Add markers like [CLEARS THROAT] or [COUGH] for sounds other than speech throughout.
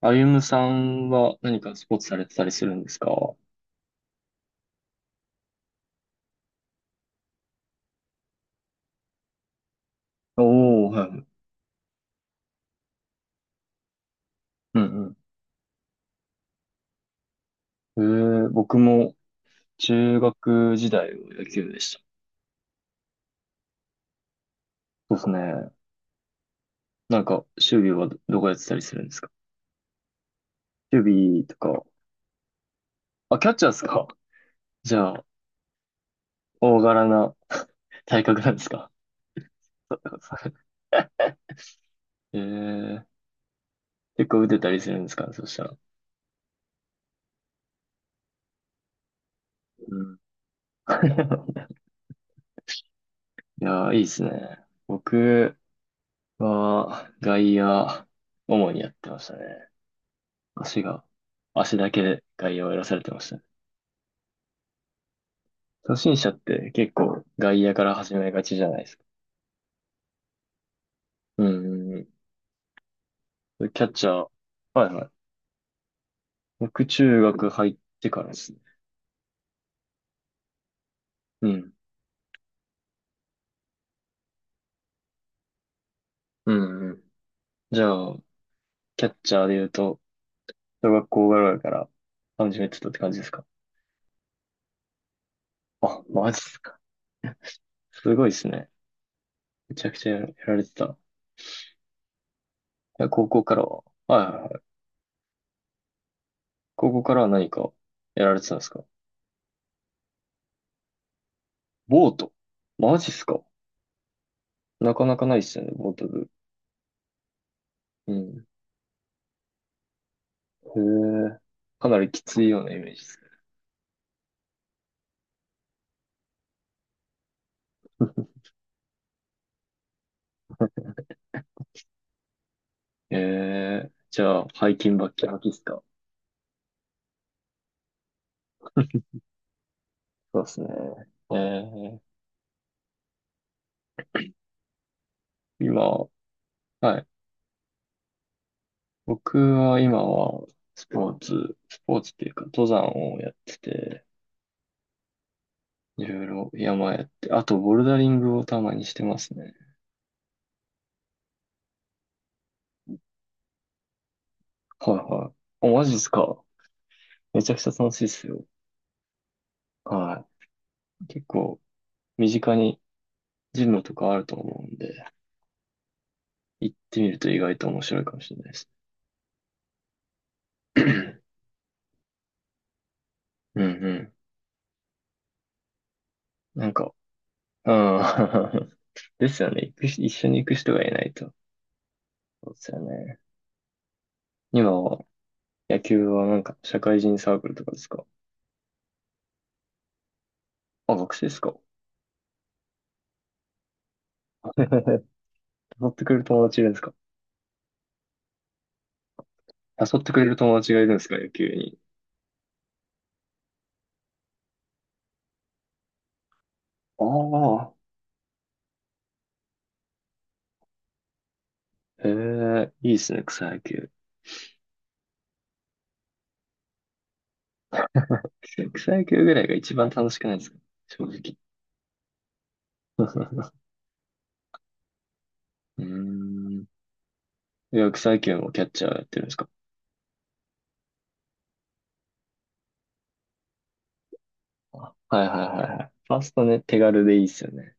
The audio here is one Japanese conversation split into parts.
あゆむさんは何かスポーツされてたりするんですかおー、はいはい。うんうん。僕も中学時代は野球でした。そうですね。なんか、守備はどこやってたりするんですか？守備とか。あ、キャッチャーですか？ [LAUGHS] じゃあ、大柄な [LAUGHS] 体格なんですか？えー、結構打てたりするんですかねそしたら。うん。[LAUGHS] いやー、いいですね。僕は外野、主にやってましたね。足が、足だけで外野をやらされてましたね。初心者って結構外野から始めがちじゃないですか。うんうんうん。キャッチャー、はいはい。僕中学入ってからですね。うん。うんうん。じゃあ、キャッチャーで言うと、小学校ぐらいから始めてたって感じですか？あ、マジっすか。すごいですね。めちゃくちゃやられてた。いや、高校からは、はいはいはい。高校からは何かやられてたんですか？ボート。マジっすか。なかなかないっすよね、ボート部。うん。へえ。かなりきついようなイメージですね。ええ。じゃあ、背筋バッキバキですか？そうですね。ええ。今、はい。僕は今は、スポーツ、スポーツっていうか、登山をやってて、いろいろ山やって、あと、ボルダリングをたまにしてますね。はいはい。お、マジですか？めちゃくちゃ楽しいですよ。はい。結構、身近にジムとかあると思うんで、行ってみると意外と面白いかもしれないです。[CLEARS THROAT] うんうん。なんか、うん。[LAUGHS] ですよね。行くし、一緒に行く人がいないと。そうですよね。今は、野球はなんか、社会人サークルとかですか？あ、学生ですか？ [LAUGHS] 誘ってくれる友達いるんですか？誘ってくれる友達がいるんですか野球に？ああ、へえ、いいですね、草野球。草野球ぐらいが一番楽しくないですか、正直。[LAUGHS] うーん。いや、草野球もキャッチャーやってるんですか？あ、はいはいはいはい。ファーストね、手軽でいいっすよね。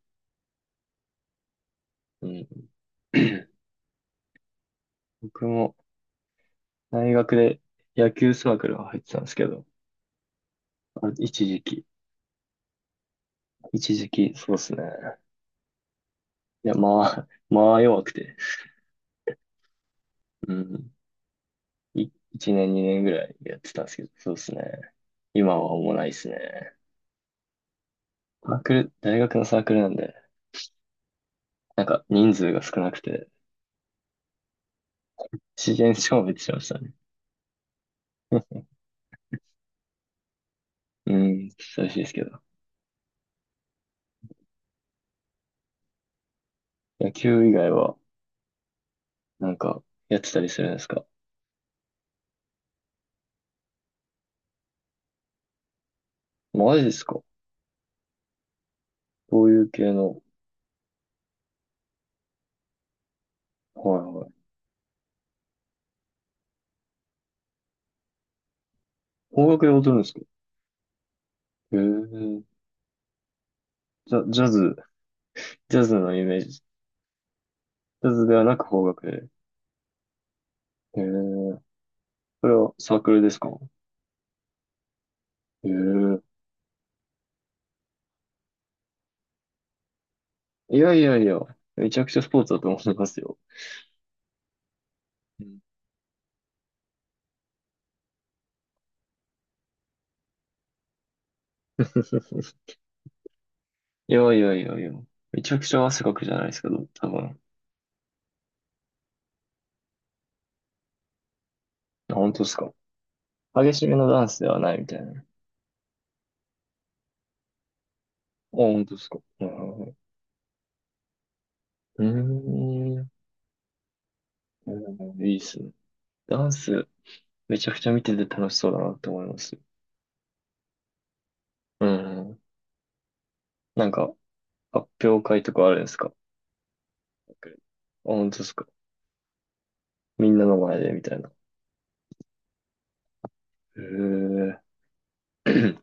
うん。[LAUGHS] [CLEARS THROAT] 僕も大学で野球サークルが入ってたんですけど、あ一時期、一時期、そうですね。いや、まあ、[LAUGHS] まあ弱くて、うん、1年、2年ぐらいやってたんですけど、そうですね。今はもうないですね。サークル、大学のサークルなんで、なんか人数が少なくて、自然消滅しましたね。[LAUGHS] うん、寂しいですけど。野球以外は、なんか、やってたりするんですか？マジですか？どういう系の？はいはい。邦楽で踊るんですか？へえ、じゃジャズジャズのイメージ。ジャズではなく邦楽で。えー、これはサークルですか？えー、いやいやいや、めちゃくちゃスポーツだと思いますよ。うん [LAUGHS] いやいやいやいや、めちゃくちゃ汗かくじゃないですか、多分。あ、本当ですか。激しめのダンスではないみたいな。あ、本当ですか。うんうんうん。ーん、いいっすね。ダンス、めちゃくちゃ見てて楽しそうだなって思います。うん。なんか、発表会とかあるんですか？あ、本当ですか。みんなの前でみたいな。へえ。[CLEARS THROAT] え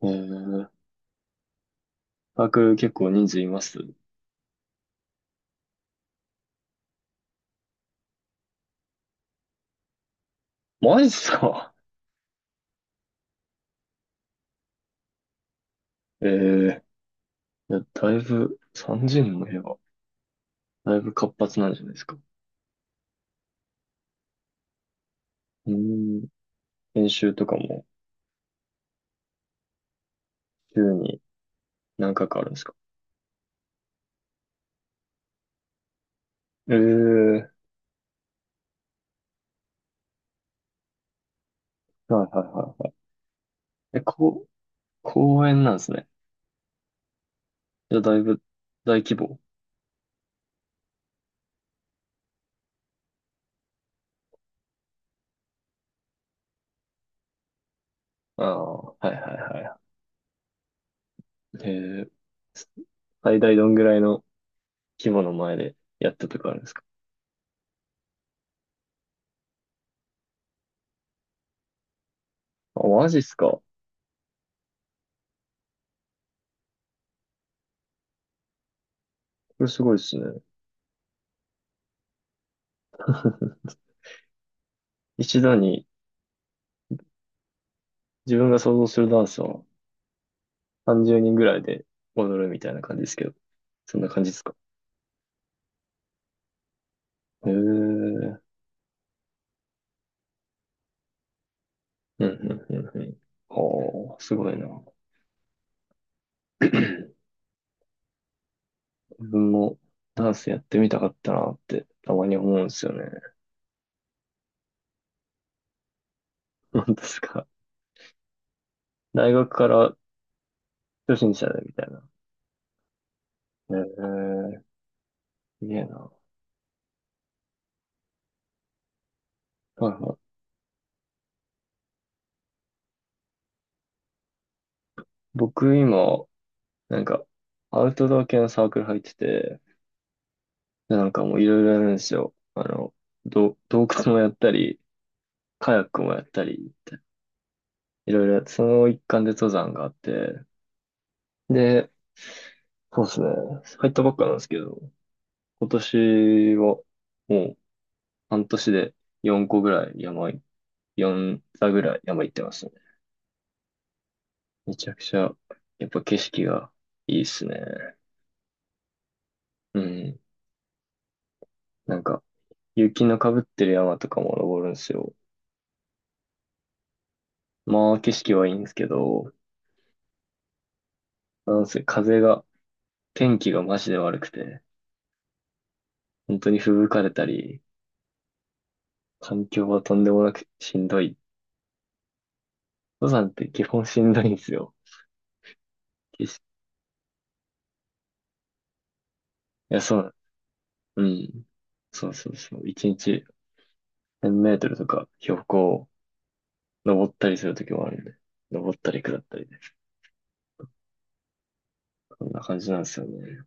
ー、把握結構人数います。マジっすか？ええ、いや、だいぶ、3人の部屋は、だいぶ活発なんじゃないですか。うーん、練習とかも、週に何回かあるんですか？ええ、はいはいはいはい。え、こう、公園なんですね。じゃあ、だいぶ、大規模。ああ、はいはいはい。ええ、最大どんぐらいの規模の前でやったとかあるんですか？あ、マジっすか、これすごいっすね。[LAUGHS] 一度に自分が想像するダンスは30人ぐらいで踊るみたいな感じですけど、そんな感じですか。へえ。うん、うん、うん、うん。おー、すごいな。[CLEARS THROAT] 自分もダンスやってみたかったなってたまに思うんですよね。本当ですか。大学から初心者でみたいな。へえ、すげえな。はいはい。僕今、なんか、アウトドア系のサークル入ってて、でなんかもういろいろやるんですよ。あの、洞窟もやったり、カヤックもやったり、いろいろやって、その一環で登山があって、で、そうですね。入ったばっかなんですけど、今年はもう半年で4個ぐらい4座ぐらい山行ってますね。めちゃくちゃ、やっぱ景色がいいっすね。うん。なんか、雪の被ってる山とかも登るんですよ。まあ、景色はいいんですけど、なんせ風が、天気がマジで悪くて、本当に吹雪かれたり、環境はとんでもなくしんどい。登山って基本しんどいんですよ。いや、そう、うん。そうそうそう。一日1000メートルとか標高を登ったりするときもあるんで。登ったり下ったりで。こんな感じなんですよね。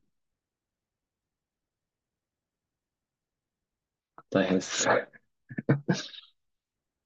大変っす。